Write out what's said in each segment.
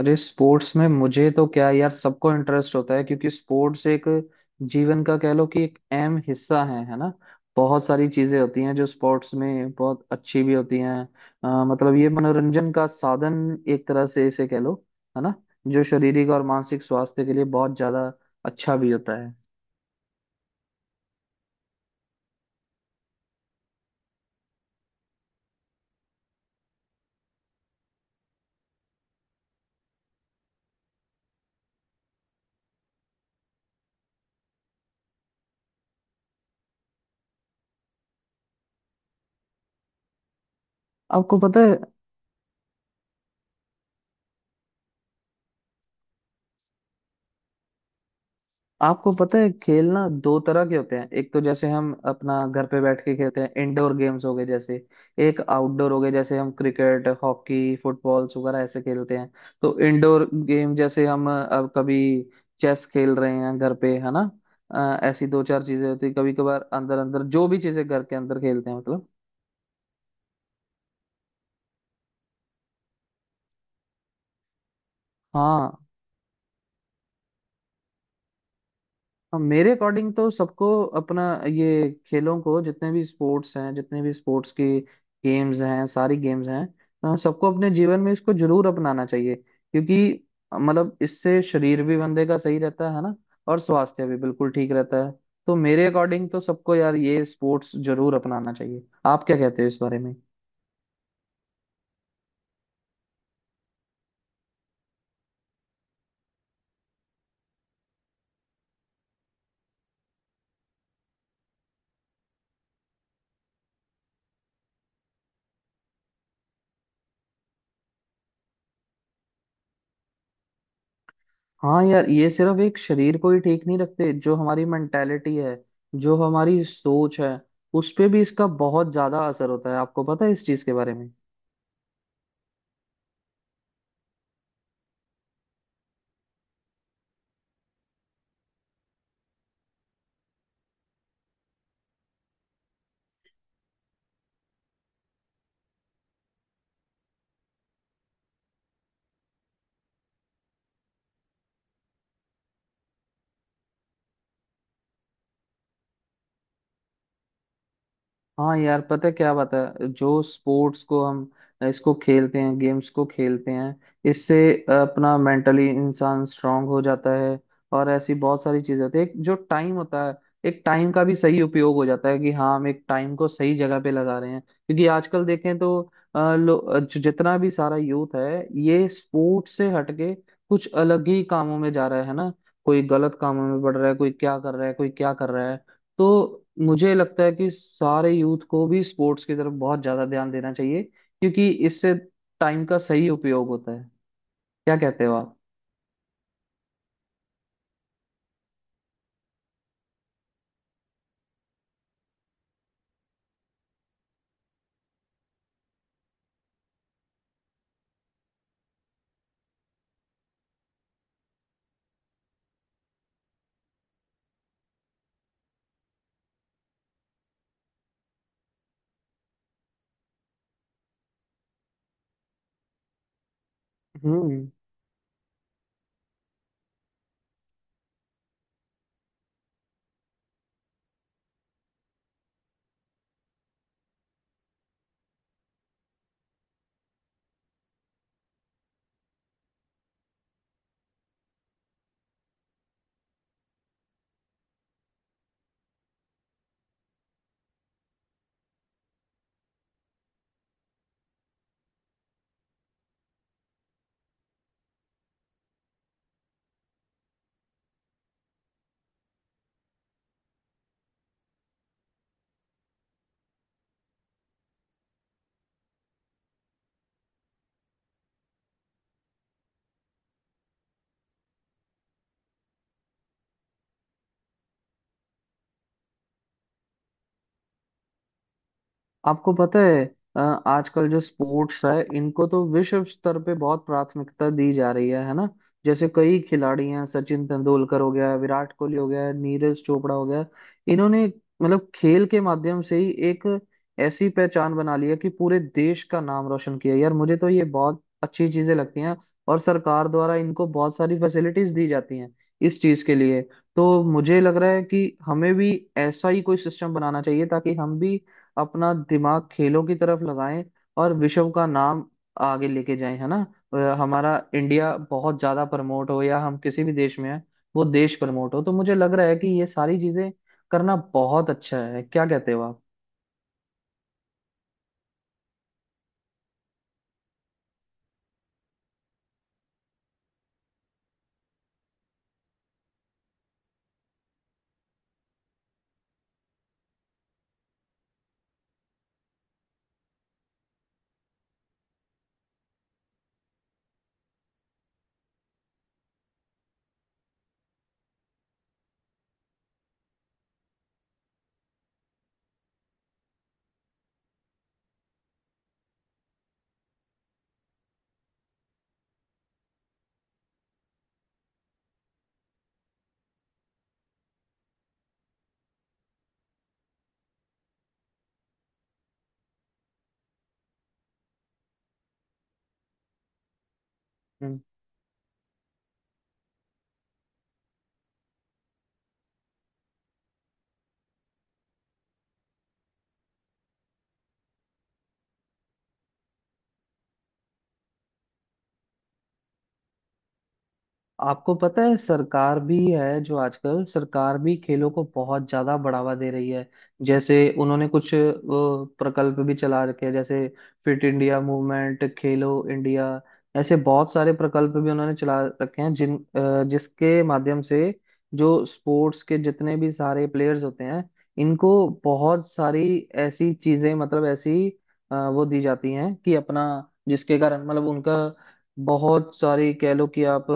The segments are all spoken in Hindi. अरे स्पोर्ट्स में मुझे तो क्या यार सबको इंटरेस्ट होता है क्योंकि स्पोर्ट्स एक जीवन का कह लो कि एक अहम हिस्सा है ना। बहुत सारी चीजें होती हैं जो स्पोर्ट्स में बहुत अच्छी भी होती हैं। मतलब ये मनोरंजन का साधन एक तरह से इसे कह लो, है ना। जो शारीरिक और मानसिक स्वास्थ्य के लिए बहुत ज्यादा अच्छा भी होता है। आपको पता है, आपको पता है खेलना दो तरह के होते हैं। एक तो जैसे हम अपना घर पे बैठ के खेलते हैं, इंडोर गेम्स हो गए, जैसे एक आउटडोर हो गए जैसे हम क्रिकेट, हॉकी, फुटबॉल वगैरह ऐसे खेलते हैं। तो इंडोर गेम जैसे हम अब कभी चेस खेल रहे हैं घर पे, है ना। ऐसी दो चार चीजें होती कभी कभार, अंदर अंदर जो भी चीजें घर के अंदर खेलते हैं मतलब। हाँ हाँ, मेरे अकॉर्डिंग तो सबको अपना ये खेलों को, जितने भी स्पोर्ट्स हैं, जितने भी स्पोर्ट्स की गेम्स हैं, सारी गेम्स हैं, सबको अपने जीवन में इसको जरूर अपनाना चाहिए। क्योंकि मतलब इससे शरीर भी बंदे का सही रहता है ना, और स्वास्थ्य भी बिल्कुल ठीक रहता है। तो मेरे अकॉर्डिंग तो सबको यार ये स्पोर्ट्स जरूर अपनाना चाहिए। आप क्या कहते हो इस बारे में? हाँ यार, ये सिर्फ एक शरीर को ही ठीक नहीं रखते। जो हमारी मेंटेलिटी है, जो हमारी सोच है, उस पे भी इसका बहुत ज्यादा असर होता है। आपको पता है इस चीज के बारे में? हाँ यार, पता है क्या बात है, जो स्पोर्ट्स को हम इसको खेलते हैं, गेम्स को खेलते हैं, इससे अपना मेंटली इंसान स्ट्रांग हो जाता है। और ऐसी बहुत सारी चीजें होती है, एक जो टाइम होता है, एक टाइम का भी सही उपयोग हो जाता है कि हाँ हम एक टाइम को सही जगह पे लगा रहे हैं। क्योंकि आजकल देखें तो जितना भी सारा यूथ है ये स्पोर्ट्स से हटके कुछ अलग ही कामों में जा रहा है ना। कोई गलत कामों में बढ़ रहा है, कोई क्या कर रहा है, कोई क्या कर रहा है। तो मुझे लगता है कि सारे यूथ को भी स्पोर्ट्स की तरफ बहुत ज्यादा ध्यान देना चाहिए, क्योंकि इससे टाइम का सही उपयोग होता है। क्या कहते हो आप? हम्म। आपको पता है, अ, आजकल जो स्पोर्ट्स है इनको तो विश्व स्तर पे बहुत प्राथमिकता दी जा रही है ना। जैसे कई खिलाड़ी हैं, सचिन तेंदुलकर हो गया, विराट कोहली हो गया, नीरज चोपड़ा हो गया। इन्होंने मतलब खेल के माध्यम से ही एक ऐसी पहचान बना ली है कि पूरे देश का नाम रोशन किया। यार मुझे तो ये बहुत अच्छी चीजें लगती हैं। और सरकार द्वारा इनको बहुत सारी फैसिलिटीज दी जाती हैं इस चीज के लिए। तो मुझे लग रहा है कि हमें भी ऐसा ही कोई सिस्टम बनाना चाहिए ताकि हम भी अपना दिमाग खेलों की तरफ लगाएं और विश्व का नाम आगे लेके जाएं, है ना। हमारा इंडिया बहुत ज्यादा प्रमोट हो, या हम किसी भी देश में हैं वो देश प्रमोट हो, तो मुझे लग रहा है कि ये सारी चीजें करना बहुत अच्छा है। क्या कहते हो आप? आपको पता है सरकार भी है, जो आजकल सरकार भी खेलों को बहुत ज्यादा बढ़ावा दे रही है। जैसे उन्होंने कुछ वो प्रकल्प भी चला रखे हैं, जैसे fit India movement, Khelo India, ऐसे बहुत सारे प्रकल्प भी उन्होंने चला रखे हैं। जिसके माध्यम से जो स्पोर्ट्स के जितने भी सारे प्लेयर्स होते हैं, इनको बहुत सारी ऐसी चीजें, मतलब ऐसी वो दी जाती हैं कि अपना, जिसके कारण मतलब उनका बहुत सारी कह लो कि आप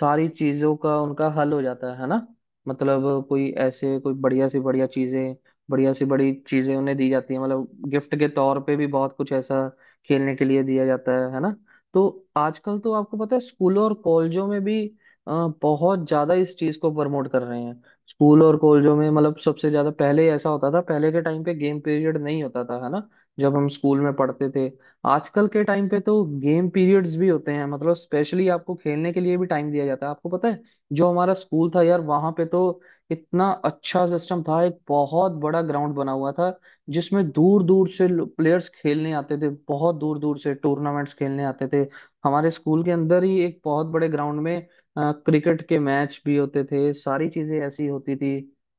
सारी चीजों का उनका हल हो जाता है ना। मतलब कोई ऐसे कोई बढ़िया से बढ़िया चीजें, बढ़िया से बड़ी चीजें उन्हें दी जाती है। मतलब गिफ्ट के तौर पे भी बहुत कुछ ऐसा खेलने के लिए दिया जाता है ना। तो आजकल तो आपको पता है स्कूलों और कॉलेजों में भी अ, बहुत ज्यादा इस चीज को प्रमोट कर रहे हैं। स्कूल और कॉलेजों में मतलब सबसे ज्यादा, पहले ऐसा होता था, पहले के टाइम पे गेम पीरियड नहीं होता था, है ना, जब हम स्कूल में पढ़ते थे। आजकल के टाइम पे तो गेम पीरियड्स भी होते हैं, मतलब स्पेशली आपको खेलने के लिए भी टाइम दिया जाता है। आपको पता है, जो हमारा स्कूल था यार, वहां पे तो इतना अच्छा सिस्टम था, एक बहुत बड़ा ग्राउंड बना हुआ था, जिसमें दूर दूर से प्लेयर्स खेलने आते थे, बहुत दूर दूर से टूर्नामेंट्स खेलने आते थे। हमारे स्कूल के अंदर ही एक बहुत बड़े ग्राउंड में क्रिकेट के मैच भी होते थे, सारी चीजें ऐसी होती थी,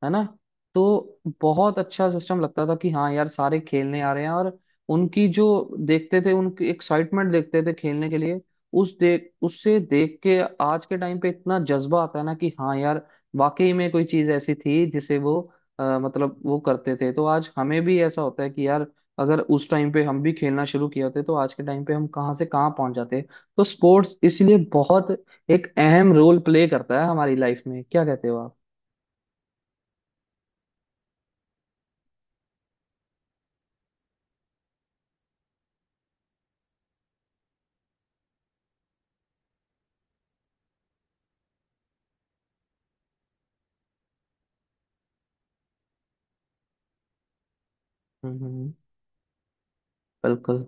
है ना। तो बहुत अच्छा सिस्टम लगता था कि हाँ यार सारे खेलने आ रहे हैं, और उनकी जो देखते थे, उनकी एक्साइटमेंट देखते थे खेलने के लिए, उस देख उससे देख के आज के टाइम पे इतना जज्बा आता है ना कि हाँ यार वाकई में कोई चीज ऐसी थी जिसे वो मतलब वो करते थे। तो आज हमें भी ऐसा होता है कि यार अगर उस टाइम पे हम भी खेलना शुरू किया होते तो आज के टाइम पे हम कहाँ से कहाँ पहुंच जाते। तो स्पोर्ट्स इसलिए बहुत एक अहम रोल प्ले करता है हमारी लाइफ में। क्या कहते हो आप? हम्म, बिल्कुल।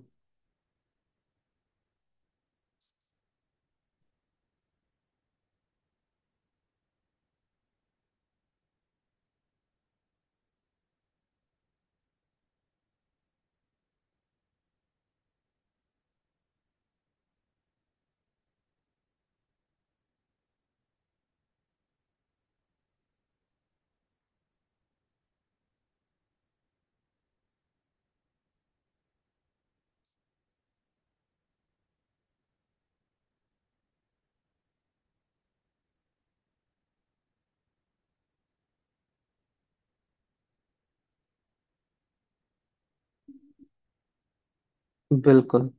बिल्कुल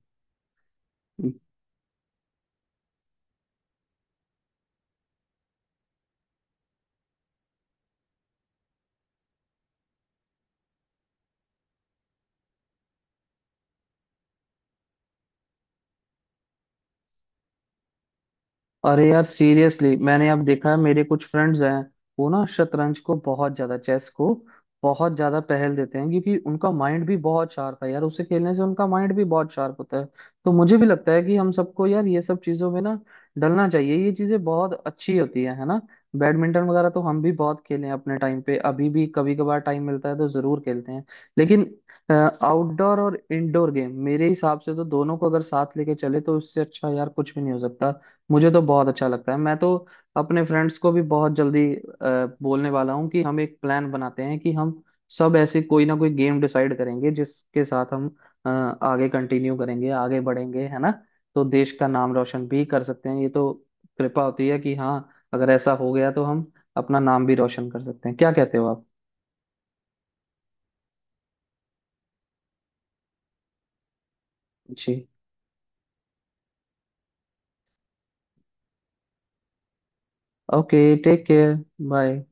कि अ अरे यार, सीरियसली मैंने अब देखा है मेरे कुछ फ्रेंड्स हैं, वो ना शतरंज को बहुत ज्यादा, चेस को बहुत ज्यादा पहल देते हैं, क्योंकि उनका माइंड भी बहुत शार्प है यार। उसे खेलने से उनका माइंड भी बहुत शार्प होता है। तो मुझे भी लगता है कि हम सबको यार ये सब चीजों में ना डलना चाहिए, ये चीजें बहुत अच्छी होती है ना। बैडमिंटन वगैरह तो हम भी बहुत खेले हैं अपने टाइम पे, अभी भी कभी कभार टाइम मिलता है तो जरूर खेलते हैं। लेकिन आउटडोर और इंडोर गेम मेरे हिसाब से तो दोनों को अगर साथ लेके चले तो इससे अच्छा यार कुछ भी नहीं हो सकता। मुझे तो बहुत अच्छा लगता है। मैं तो अपने फ्रेंड्स को भी बहुत जल्दी बोलने वाला हूँ कि हम एक प्लान बनाते हैं कि हम सब ऐसे कोई ना कोई गेम डिसाइड करेंगे जिसके साथ हम आगे कंटिन्यू करेंगे, आगे बढ़ेंगे, है ना। तो देश का नाम रोशन भी कर सकते हैं, ये तो कृपा होती है कि हाँ अगर ऐसा हो गया तो हम अपना नाम भी रोशन कर सकते हैं। क्या कहते हो आप? जी, ओके, टेक केयर। बाय।